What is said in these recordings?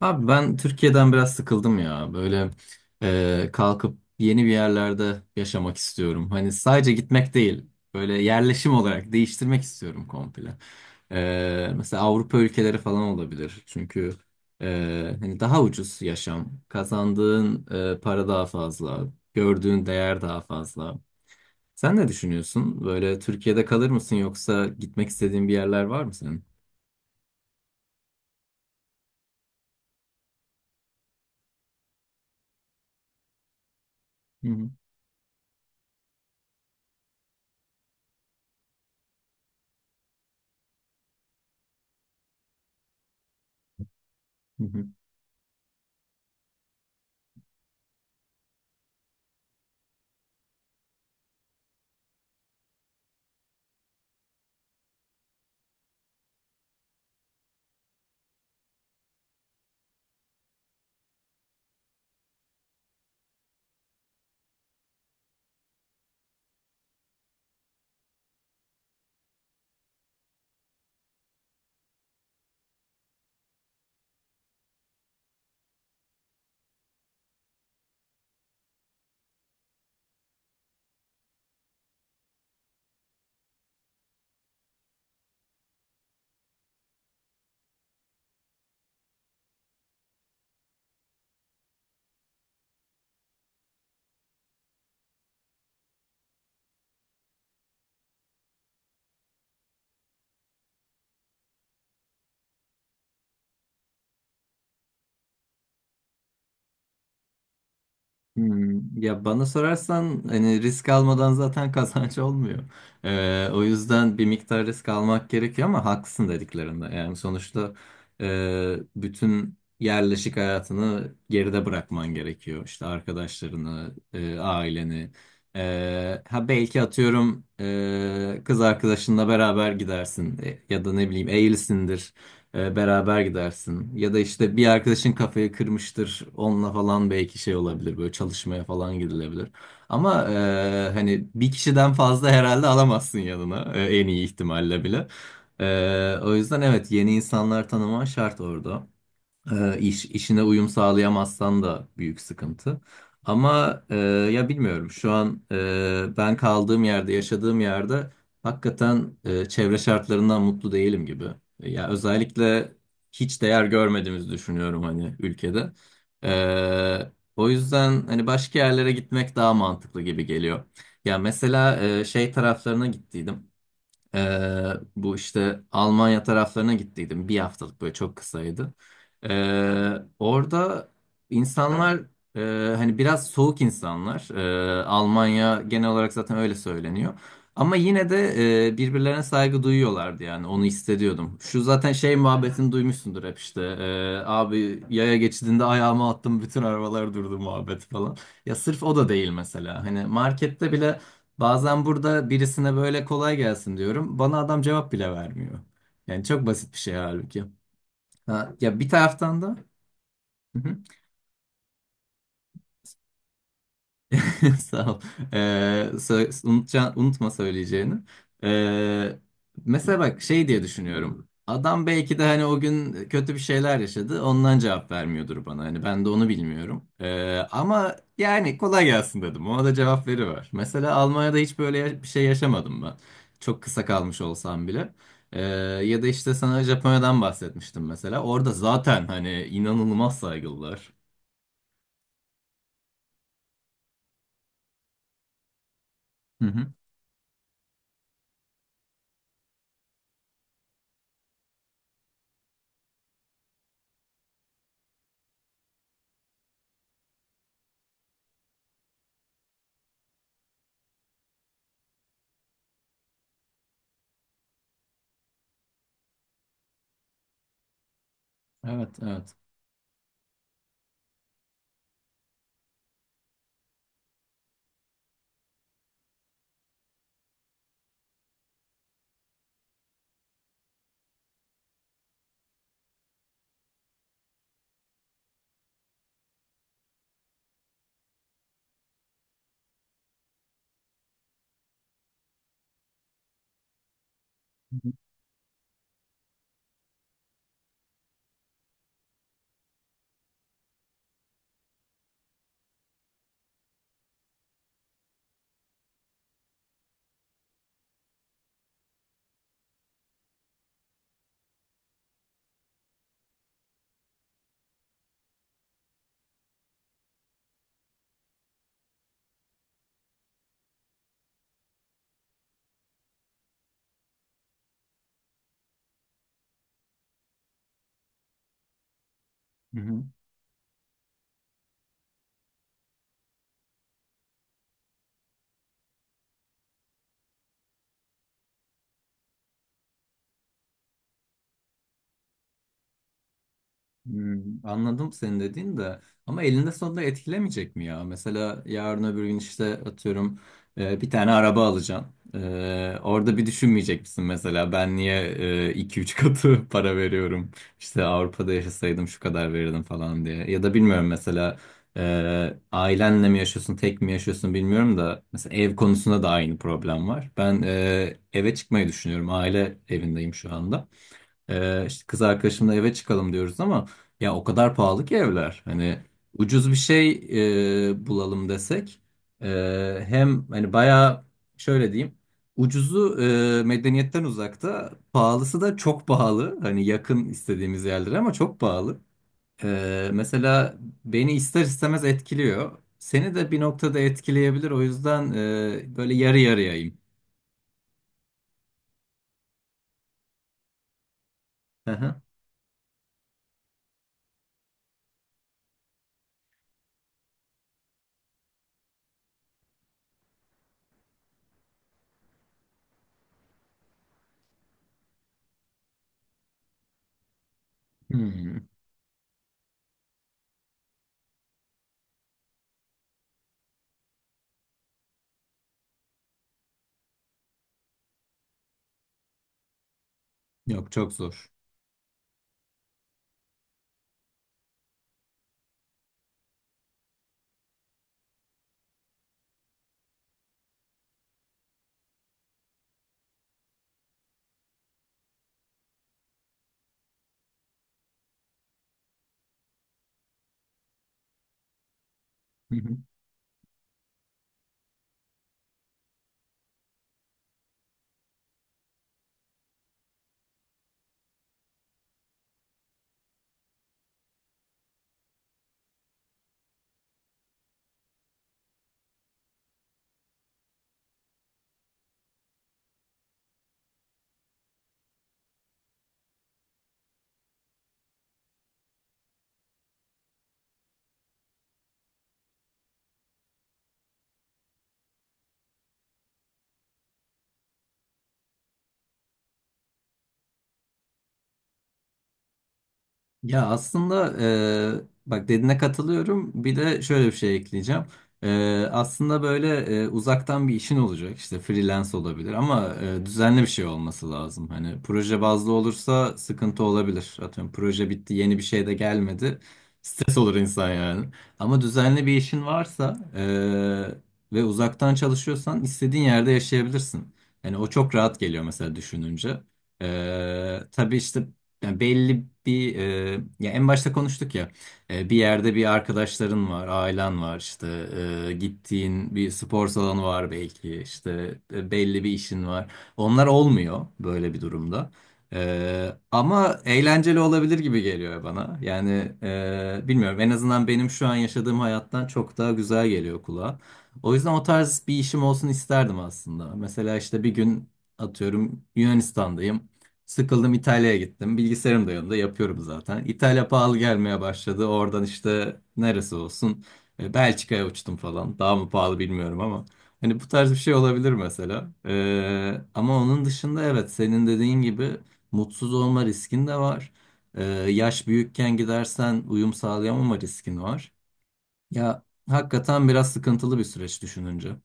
Abi ben Türkiye'den biraz sıkıldım ya. Böyle kalkıp yeni bir yerlerde yaşamak istiyorum. Hani sadece gitmek değil, böyle yerleşim olarak değiştirmek istiyorum komple. Mesela Avrupa ülkeleri falan olabilir. Çünkü hani daha ucuz yaşam, kazandığın para daha fazla, gördüğün değer daha fazla. Sen ne düşünüyorsun? Böyle Türkiye'de kalır mısın yoksa gitmek istediğin bir yerler var mı senin? Hı hı. Ya bana sorarsan hani risk almadan zaten kazanç olmuyor. O yüzden bir miktar risk almak gerekiyor ama haklısın dediklerinde. Yani sonuçta bütün yerleşik hayatını geride bırakman gerekiyor. İşte arkadaşlarını, aileni. Ha belki atıyorum kız arkadaşınla beraber gidersin. Ya da ne bileyim evlisindir. Beraber gidersin. Ya da işte bir arkadaşın kafayı kırmıştır. Onunla falan belki şey olabilir. Böyle çalışmaya falan gidilebilir. Ama hani bir kişiden fazla herhalde alamazsın yanına. En iyi ihtimalle bile. O yüzden evet, yeni insanlar tanıman şart orada. İş, işine uyum sağlayamazsan da büyük sıkıntı. Ama ya bilmiyorum, şu an ben kaldığım yerde, yaşadığım yerde hakikaten çevre şartlarından mutlu değilim gibi. Ya özellikle hiç değer görmediğimizi düşünüyorum hani ülkede. O yüzden hani başka yerlere gitmek daha mantıklı gibi geliyor. Ya mesela şey taraflarına gittiydim. Bu işte Almanya taraflarına gittiydim. Bir haftalık böyle, çok kısaydı. Ee, Orada insanlar hani biraz soğuk insanlar. Almanya genel olarak zaten öyle söyleniyor. Ama yine de birbirlerine saygı duyuyorlardı yani, onu hissediyordum. Şu zaten şey muhabbetini duymuşsundur hep işte. Abi yaya geçidinde ayağımı attım, bütün arabalar durdu muhabbet falan. Ya sırf o da değil mesela. Hani markette bile bazen burada birisine böyle kolay gelsin diyorum. Bana adam cevap bile vermiyor. Yani çok basit bir şey halbuki. Ha, ya bir taraftan da sağ ol. Ee, unutma söyleyeceğini. Ee, Mesela bak şey diye düşünüyorum. Adam belki de hani o gün kötü bir şeyler yaşadı. Ondan cevap vermiyordur bana. Hani ben de onu bilmiyorum. Ama yani kolay gelsin dedim. Ona da cevap veriver. Mesela Almanya'da hiç böyle bir şey yaşamadım ben. Çok kısa kalmış olsam bile. Ee, Ya da işte sana Japonya'dan bahsetmiştim mesela. Orada zaten hani inanılmaz saygılılar. Hı hı. Evet, evet. Anladım senin dediğin de, ama elinde sonunda etkilemeyecek mi ya? Mesela yarın öbür gün işte atıyorum bir tane araba alacaksın. Orada bir düşünmeyecek misin mesela, ben niye iki üç katı para veriyorum? İşte Avrupa'da yaşasaydım şu kadar verirdim falan diye. Ya da bilmiyorum, mesela ailenle mi yaşıyorsun, tek mi yaşıyorsun bilmiyorum da, mesela ev konusunda da aynı problem var. Ben eve çıkmayı düşünüyorum, aile evindeyim şu anda. İşte kız arkadaşımla eve çıkalım diyoruz ama ya o kadar pahalı ki evler. Hani ucuz bir şey bulalım desek e, hem hani bayağı, şöyle diyeyim, ucuzu medeniyetten uzakta, pahalısı da çok pahalı. Hani yakın istediğimiz yerlere ama çok pahalı. Mesela beni ister istemez etkiliyor. Seni de bir noktada etkileyebilir. O yüzden böyle yarı yarıyayım. Hı hı. Hmm. Yok, çok zor. Ya aslında bak dediğine katılıyorum. Bir de şöyle bir şey ekleyeceğim. Aslında böyle uzaktan bir işin olacak. İşte freelance olabilir ama düzenli bir şey olması lazım. Hani proje bazlı olursa sıkıntı olabilir. Atıyorum proje bitti, yeni bir şey de gelmedi. Stres olur insan yani. Ama düzenli bir işin varsa ve uzaktan çalışıyorsan istediğin yerde yaşayabilirsin. Yani o çok rahat geliyor mesela düşününce. Tabii işte yani belli bir ya en başta konuştuk ya, bir yerde bir arkadaşların var, ailen var, işte gittiğin bir spor salonu var belki, işte belli bir işin var. Onlar olmuyor böyle bir durumda. Ama eğlenceli olabilir gibi geliyor bana. Yani bilmiyorum, en azından benim şu an yaşadığım hayattan çok daha güzel geliyor kulağa. O yüzden o tarz bir işim olsun isterdim aslında. Mesela işte bir gün atıyorum Yunanistan'dayım. Sıkıldım, İtalya'ya gittim. Bilgisayarım da yanımda, yapıyorum zaten. İtalya pahalı gelmeye başladı. Oradan işte neresi olsun, Belçika'ya uçtum falan. Daha mı pahalı bilmiyorum ama. Hani bu tarz bir şey olabilir mesela. Ama onun dışında evet, senin dediğin gibi mutsuz olma riskin de var. Yaş büyükken gidersen uyum sağlayamama riskin var. Ya hakikaten biraz sıkıntılı bir süreç düşününce.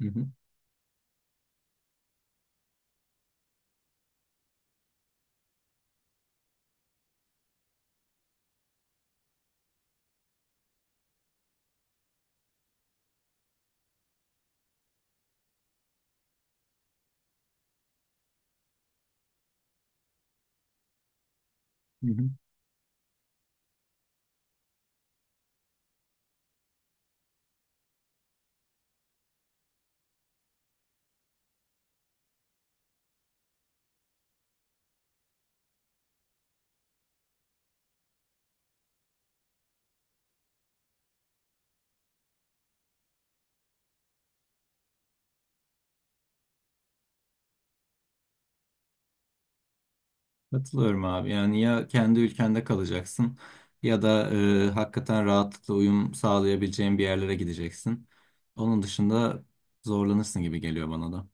Hı hı. Hı hı. Katılıyorum abi. Yani ya kendi ülkende kalacaksın ya da hakikaten rahatlıkla uyum sağlayabileceğin bir yerlere gideceksin. Onun dışında zorlanırsın gibi geliyor bana da.